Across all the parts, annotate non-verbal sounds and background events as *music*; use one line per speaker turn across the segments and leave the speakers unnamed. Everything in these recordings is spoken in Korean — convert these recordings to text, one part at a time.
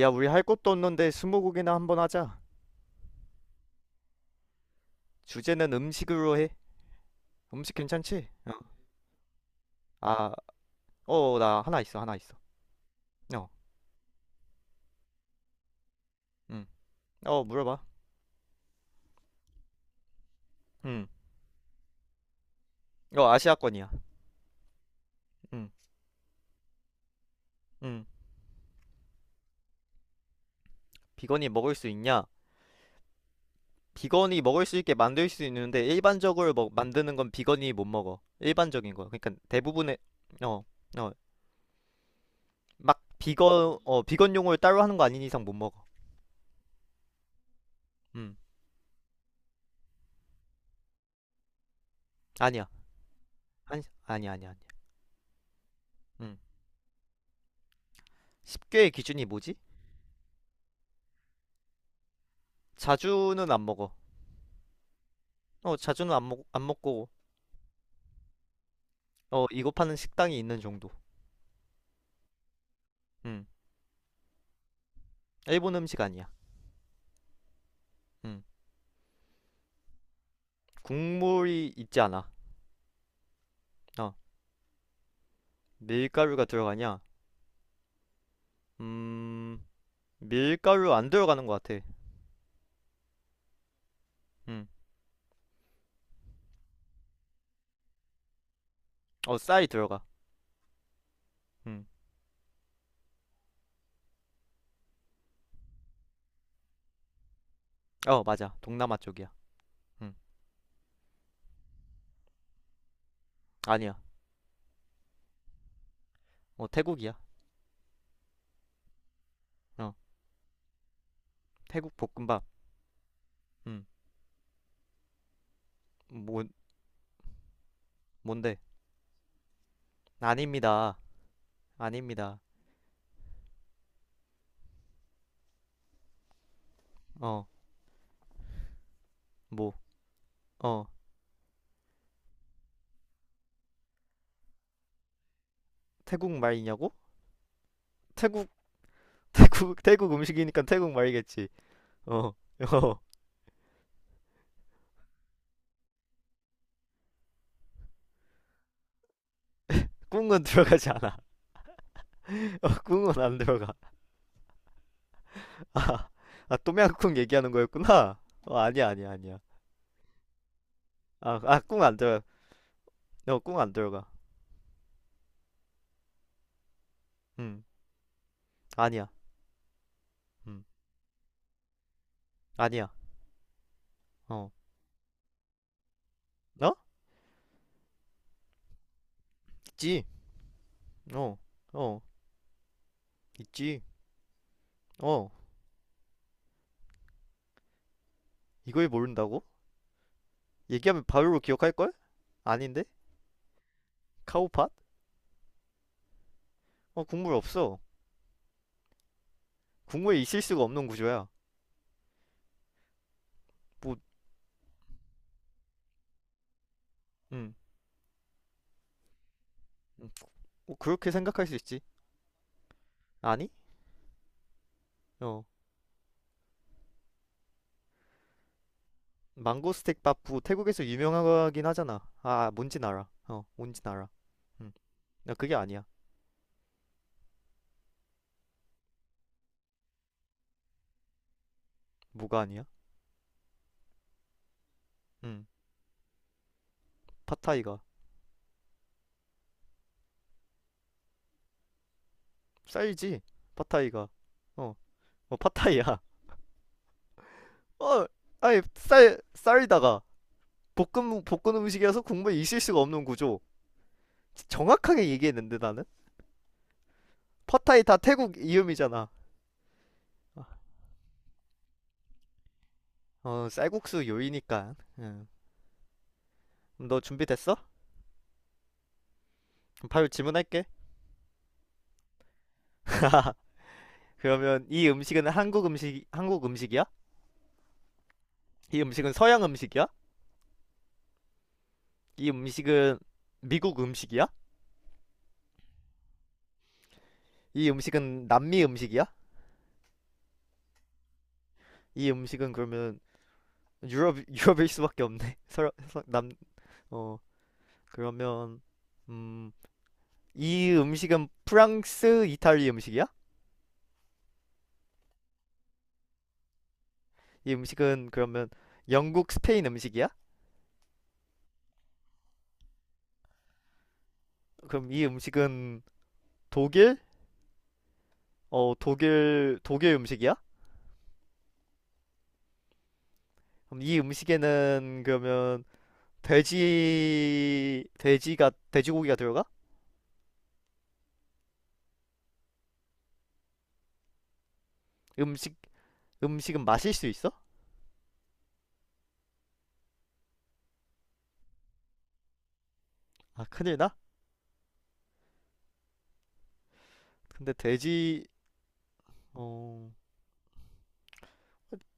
야, 우리 할 것도 없는데 스무고개나 한번 하자. 주제는 음식으로 해. 음식 괜찮지? 어. 아, 어, 나 하나 있어, 하나 있어. 어, 응. 어, 물어봐. 응. 어, 아시아권이야. 응. 응. 비건이 먹을 수 있냐? 비건이 먹을 수 있게 만들 수 있는데 일반적으로 만드는 건 비건이 못 먹어. 일반적인 거. 그러니까 대부분의. 어, 어, 막 비건용을 따로 하는 거 아닌 이상 못 먹어. 음, 아니야. 아니, 아니야, 아니야, 아니야. 음, 10개의 기준이 뭐지? 자주는 안 먹어. 어, 자주는 안 먹고, 어, 이거 파는 식당이 있는 정도. 음, 일본 음식 아니야. 음, 국물이 있지 않아. 어, 밀가루가 들어가냐? 음, 밀가루 안 들어가는 것 같아. 음, 어, 쌀이 들어가. 음, 어, 맞아. 동남아 쪽이야. 음, 아니야. 어, 태국이야. 어, 태국 볶음밥. 음, 뭐, 뭔데? 아닙니다. 아닙니다. 어, 뭐, 어, 태국 말이냐고? 태국, *laughs* 태국 음식이니까 태국 말이겠지. 어, *laughs* 어. 꿍은 들어가지 않아. *laughs* 어, 꿍은 안 들어가. *laughs* 아, 아 또미앙꿍 얘기하는 거였구나. 어, 아니야, 아니야, 아니야. 꿍 안 들어가. 어, 꿍안 들어가. 음, 아니야. 음, 아니야. 어, 어? 있지. 어, 어, 있지. 어, 이걸 모른다고? 얘기하면 바로 기억할걸? 아닌데? 카오팟? 어, 국물 없어. 국물에 있을 수가 없는 구조야. 뭐, 음, 음, 뭐 그렇게 생각할 수 있지. 아니? 어, 망고 스틱 밥부 태국에서 유명하긴 하잖아. 아, 뭔진 알아. 어, 뭔진 알아. 음. 야, 그게 아니야. 뭐가 아니야? 음. 팟타이가 쌀이지. 팟타이가. 어, 어, 팟타이야. *laughs* 어, 아니 쌀 쌀이다가 볶음 볶은 음식이라서 국물에 있을 수가 없는 구조. 정확하게 얘기했는데 나는 팟타이 다 태국 이음이잖아. 어, 쌀국수 요리니까. 음. 너 준비됐어? 그럼 바로 질문할게. *laughs* 그러면 이 음식은 한국 음식이야? 이 음식은 서양 음식이야? 이 음식은 미국 음식이야? 이 음식은 남미 음식이야? 이 음식은 그러면 유럽. *laughs* 유럽일 수밖에 없네. *laughs* 서로. 남어. 그러면. 음 이 음식은 프랑스 이탈리 음식이야? 이 음식은 그러면 영국 스페인 음식이야? 그럼 이 음식은 독일 어 독일 독일 음식이야? 그럼 이 음식에는 그러면 돼지고기가 들어가? 음식 음식은 마실 수 있어? 아, 큰일 나? 근데 어,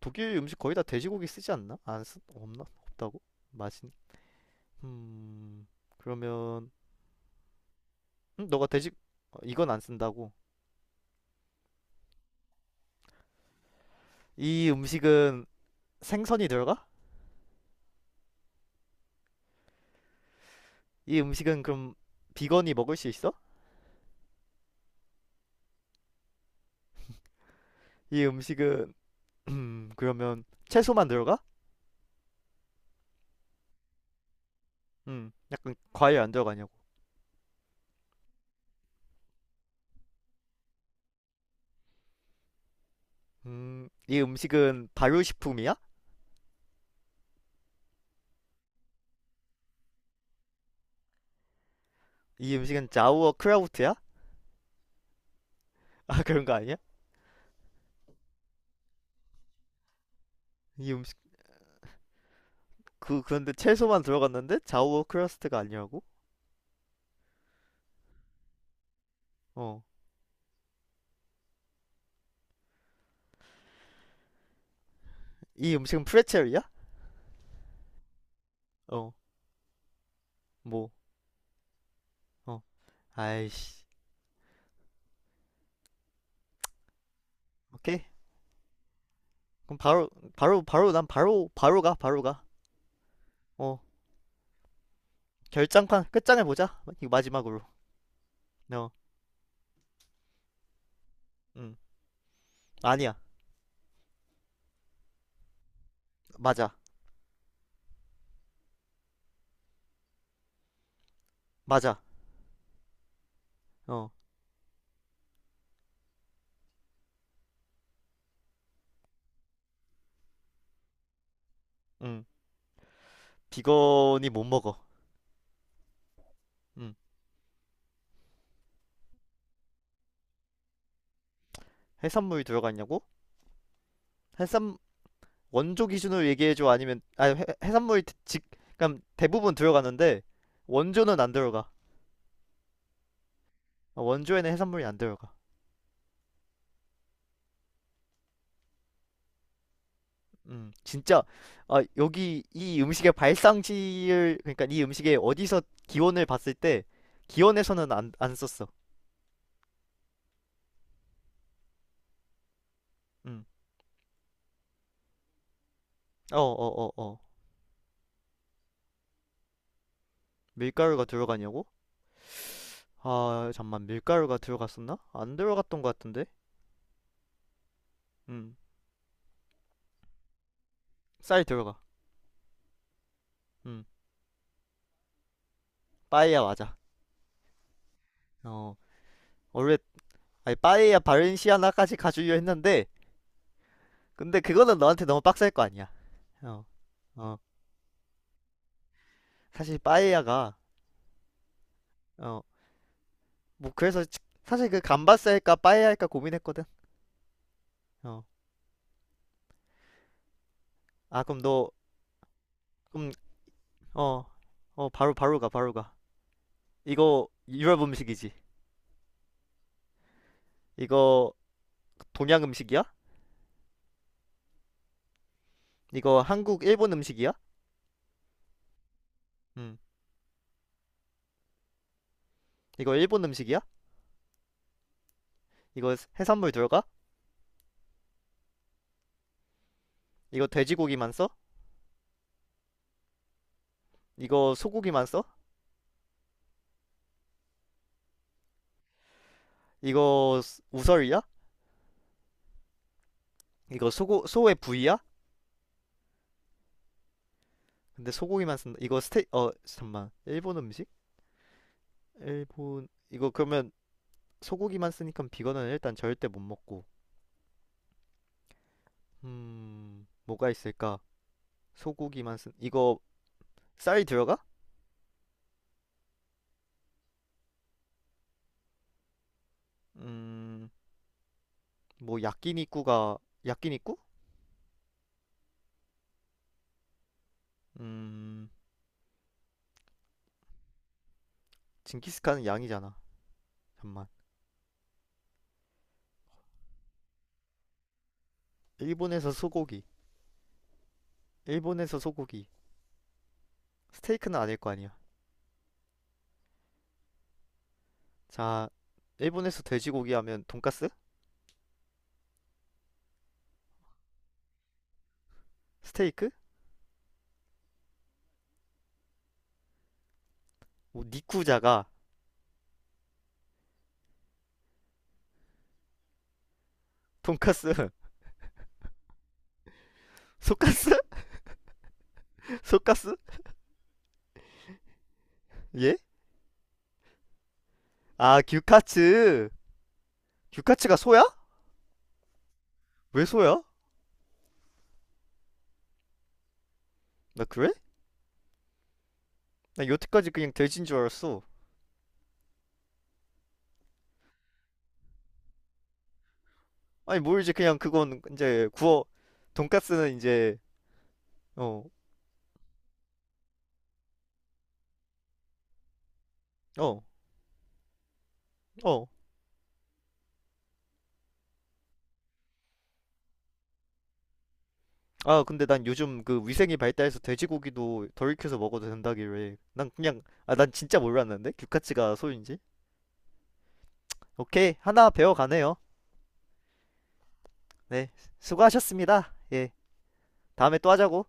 독일 음식 거의 다 돼지고기 쓰지 않나? 안 쓰, 없나? 없다고? 맛이, 음, 그러면, 음, 너가 돼지, 어, 이건 안 쓴다고. 이 음식은 생선이 들어가? 이 음식은 그럼 비건이 먹을 수 있어? 이 음식은, *clears throat* 그러면 채소만 들어가? 약간 과일 안 들어가냐고. 이 음식은 발효식품이야? 이 음식은 자우어 크라우트야? *laughs* 아, 그런 거 아니야? 이 그 그런데 채소만 들어갔는데 좌우 크러스트가 아니라고? 어. 이 음식은 프레첼이야? 어. 뭐. 어. 아이씨. 오케이. 그럼 바로. 난 바로 가. 바로 가. 어. 결장판 끝장을 보자. 이거 마지막으로. 어. 음. 아니야. 맞아. 맞아. 어. 음. 비건이 못 먹어. 음. 해산물이 들어가 있냐고? 해산 원조 기준으로 얘기해 줘. 아니면 아니 해산물이 즉그럼니까 대부분 들어가는데 원조는 안 들어가. 어, 원조에는 해산물이 안 들어가. 진짜 아, 여기 이 음식의 발상지를 그러니까 이 음식의 어디서 기원을 봤을 때 기원에서는 안 썼어. 음. 어, 어, 어, 어. 밀가루가 들어가냐고? 아, 잠만 밀가루가 들어갔었나? 안 들어갔던 것 같은데. 음. 쌀 들어가. 음. 빠에야 맞아. 어. 원래 아니 빠에야 바렌시아나까지 가주려 했는데 근데 그거는 너한테 너무 빡셀 거 아니야. 어. 어. 사실 빠에야가 어 뭐 그래서 사실 그 감바스 할까 빠에야 할까 고민했거든. 어. 아 그럼 너 그럼. 어. 어 바로 바로 가 바로 가. 이거 유럽 음식이지. 이거 동양 음식이야? 이거 한국 일본 음식이야? 음. 이거 일본 음식이야? 이거 해산물 들어가? 이거 돼지고기만 써? 이거 소고기만 써? 이거 우설이야? 이거 소고 소의 부위야? 근데 소고기만 쓴다. 이거 스테 어 잠만. 일본 음식? 일본 이거 그러면 소고기만 쓰니까 비건은 일단 절대 못 먹고. 뭐가 있을까? 소고기만 쓴 이거 쌀 들어가? 음, 뭐 야끼니쿠가 야끼니쿠? 음, 징기스칸은 양이잖아. 잠만. 일본에서 소고기. 일본에서 소고기. 스테이크는 아닐 거 아니야. 자, 일본에서 돼지고기 하면 돈까스? 스테이크? 뭐 니쿠자가 돈까스? *laughs* 소까스? *laughs* 소까스? 예? 아, 규카츠. 규카츠가 소야? 왜 소야? 나 그래? 나 여태까지 그냥 돼지인 줄 알았어. 아니 모르지 그냥 그건 이제 구워. 돈까스는 이제. 어. 어. 어. 아 근데 난 요즘 그 위생이 발달해서 돼지고기도 덜 익혀서 먹어도 된다길래 난 그냥. 아 난 진짜 몰랐는데 규카츠가 소인지. 오케이 하나 배워가네요. 네. 수고하셨습니다. 예. 다음에 또 하자고.